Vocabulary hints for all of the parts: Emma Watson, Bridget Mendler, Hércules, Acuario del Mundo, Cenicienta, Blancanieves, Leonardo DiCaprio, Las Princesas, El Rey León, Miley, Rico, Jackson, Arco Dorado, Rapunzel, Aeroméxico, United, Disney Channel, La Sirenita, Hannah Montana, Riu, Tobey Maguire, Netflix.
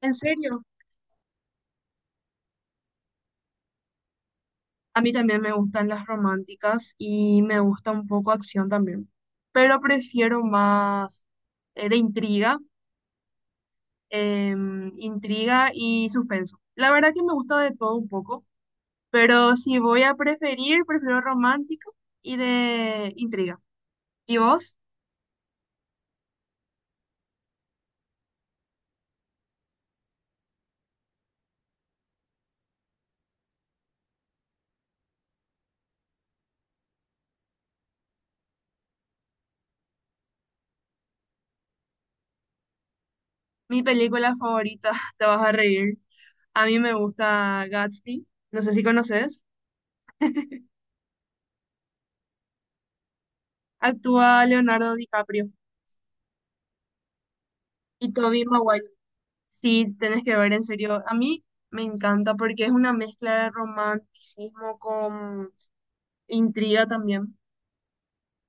En serio, a mí también me gustan las románticas y me gusta un poco acción también, pero prefiero más de intriga, intriga y suspenso. La verdad que me gusta de todo un poco, pero si voy a preferir, prefiero romántico y de intriga. ¿Y vos? Mi película favorita, te vas a reír. A mí me gusta Gatsby, no sé si conoces. Actúa Leonardo DiCaprio y Tobey Maguire. Sí, tenés que ver, en serio. A mí me encanta porque es una mezcla de romanticismo con intriga también.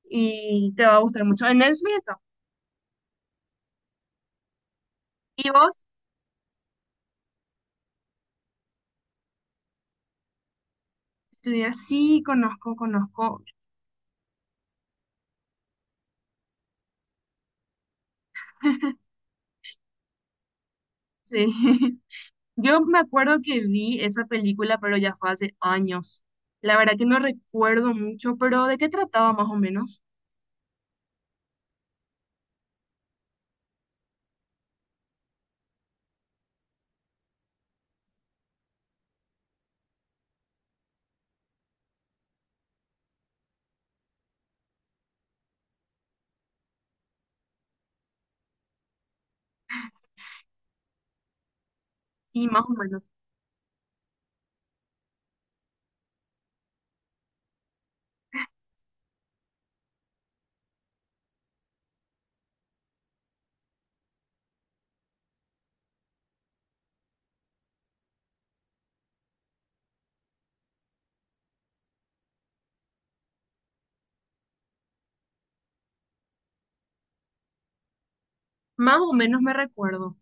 Y te va a gustar mucho. En Netflix está. ¿Y vos? Tú dirás, sí, conozco, conozco. Sí. Yo me acuerdo que vi esa película, pero ya fue hace años. La verdad que no recuerdo mucho, pero ¿de qué trataba más o menos? Sí, más o menos. Más o menos me recuerdo.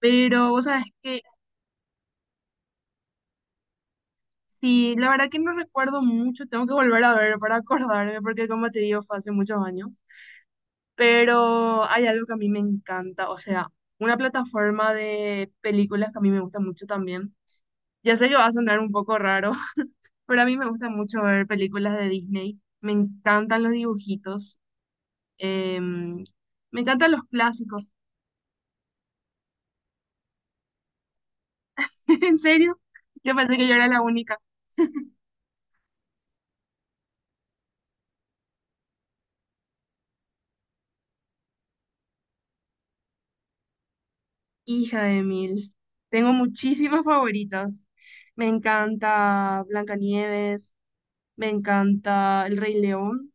Pero, ¿vos sabés que sí, la verdad que no recuerdo mucho? Tengo que volver a ver para acordarme, porque como te digo, fue hace muchos años, pero hay algo que a mí me encanta, o sea, una plataforma de películas que a mí me gusta mucho también. Ya sé que va a sonar un poco raro, pero a mí me gusta mucho ver películas de Disney, me encantan los dibujitos, em, me encantan los clásicos, en serio, yo pensé que yo era la única. Hija de mil. Tengo muchísimas favoritas. Me encanta Blancanieves, me encanta El Rey León,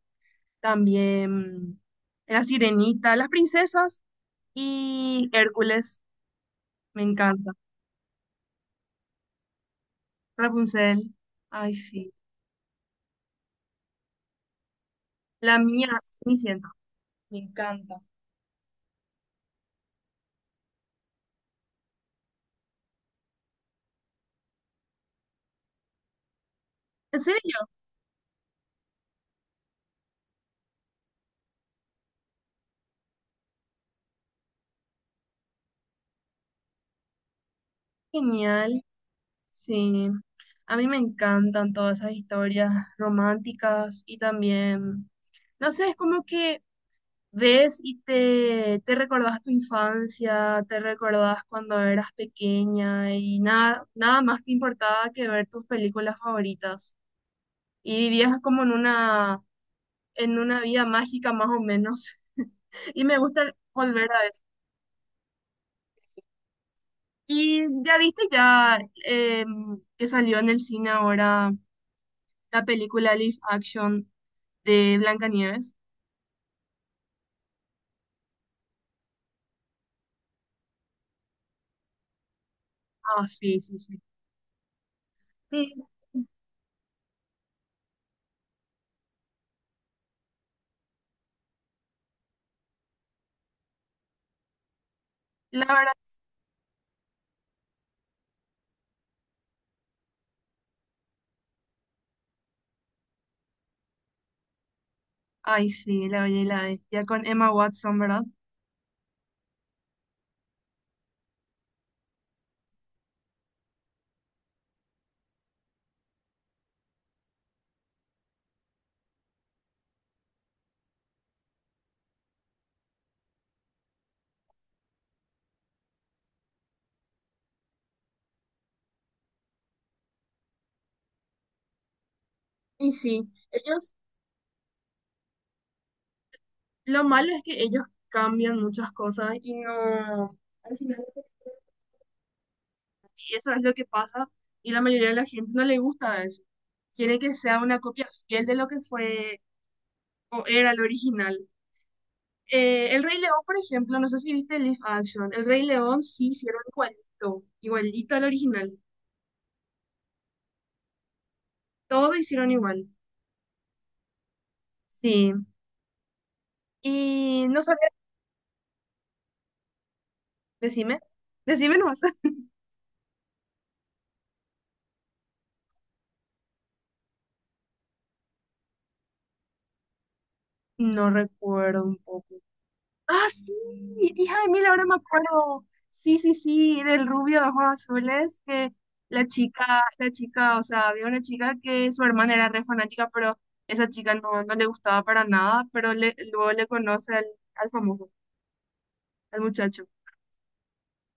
también La Sirenita, Las Princesas y Hércules. Me encanta. Rapunzel. Ay, sí. La mía, Cenicienta. Me encanta. ¿En serio? Genial. Sí. A mí me encantan todas esas historias románticas y también, no sé, es como que ves y te recordás tu infancia, te recordás cuando eras pequeña y nada más te importaba que ver tus películas favoritas. Y vivías como en en una vida mágica más o menos. Y me gusta volver a eso. Y ya viste ya que salió en el cine ahora la película Live Action de Blancanieves. Ah, sí, sí, sí. Sí, la verdad. Ay, sí, la bella y la bestia con Emma Watson, ¿verdad? Y sí, ellos, lo malo es que ellos cambian muchas cosas y no, al final, y eso es lo que pasa y la mayoría de la gente no le gusta eso. Quiere que sea una copia fiel de lo que fue o era el original. El Rey León, por ejemplo, no sé si viste el live action, El Rey León sí hicieron igualito, igualito al original, todo hicieron igual. Sí, y no sabía, decime, decime nomás. No recuerdo un poco. Ah, sí, hija de mil, ahora me acuerdo. Sí, sí, sí, del rubio de ojos azules, que la chica, o sea, había una chica que su hermana era re fanática, pero esa chica no, no le gustaba para nada, pero le, luego le conoce al, al famoso, al muchacho.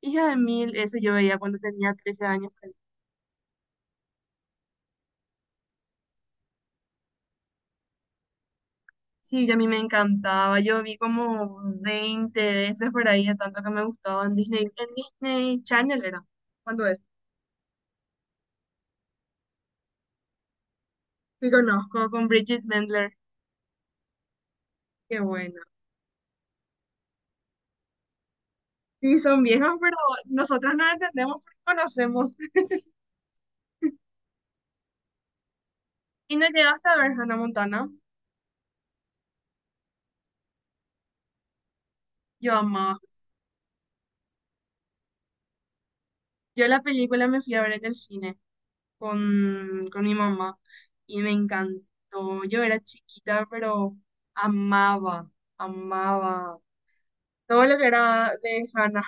Hija de mil, eso yo veía cuando tenía 13 años. Sí, y a mí me encantaba, yo vi como 20 veces por ahí, de tanto que me gustaba en Disney Channel era, cuando es, y conozco con Bridget Mendler, qué bueno. Sí, son viejas, pero nosotras no entendemos porque conocemos. Y no llegaste a ver Hannah Montana. Yo amaba. Yo la película me fui a ver en el cine con mi mamá y me encantó. Yo era chiquita, pero amaba, amaba todo lo que era de Hannah.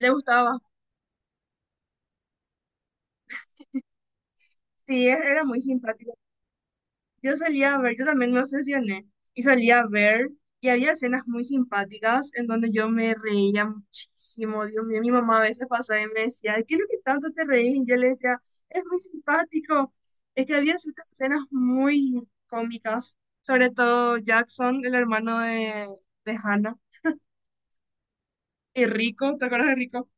Le gustaba. Sí, era muy simpática. Yo salía a ver, yo también me obsesioné y salía a ver y había escenas muy simpáticas en donde yo me reía muchísimo. Dios mío, mi mamá a veces pasaba y me decía, ¿qué es lo que tanto te reís? Y yo le decía, es muy simpático. Es que había ciertas escenas muy cómicas, sobre todo Jackson, el hermano de Hannah, y Rico, ¿te acuerdas de Rico?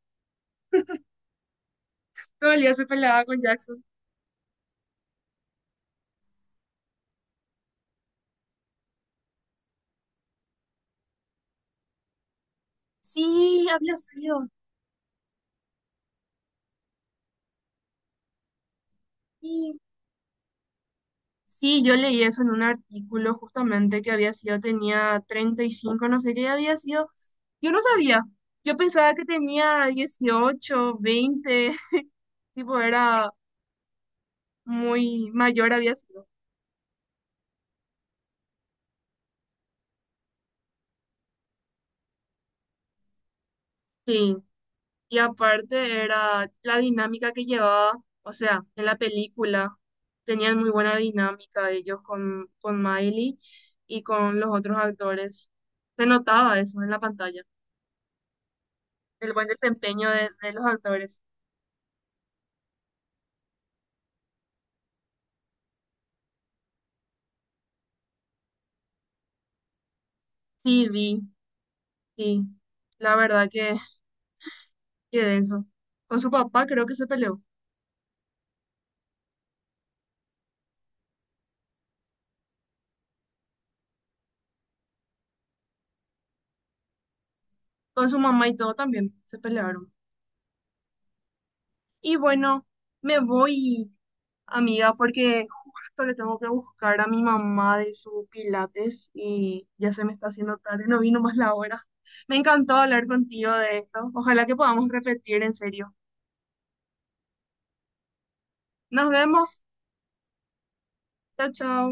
Todo el día se peleaba con Jackson. Sí, había sido. Sí, yo leí eso en un artículo justamente que había sido, tenía 35, no sé qué había sido. Yo no sabía. Yo pensaba que tenía 18, 20, tipo era muy mayor había sido. Sí, y aparte era la dinámica que llevaba, o sea, en la película tenían muy buena dinámica ellos con Miley y con los otros actores. Se notaba eso en la pantalla, el buen desempeño de los actores. Sí, vi. Y la verdad que de eso. Con su papá creo que se peleó. Con su mamá y todo también se pelearon. Y bueno, me voy, amiga, porque justo le tengo que buscar a mi mamá de su pilates y ya se me está haciendo tarde, no vino más la hora. Me encantó hablar contigo de esto. Ojalá que podamos repetir en serio. Nos vemos. Chao, chao.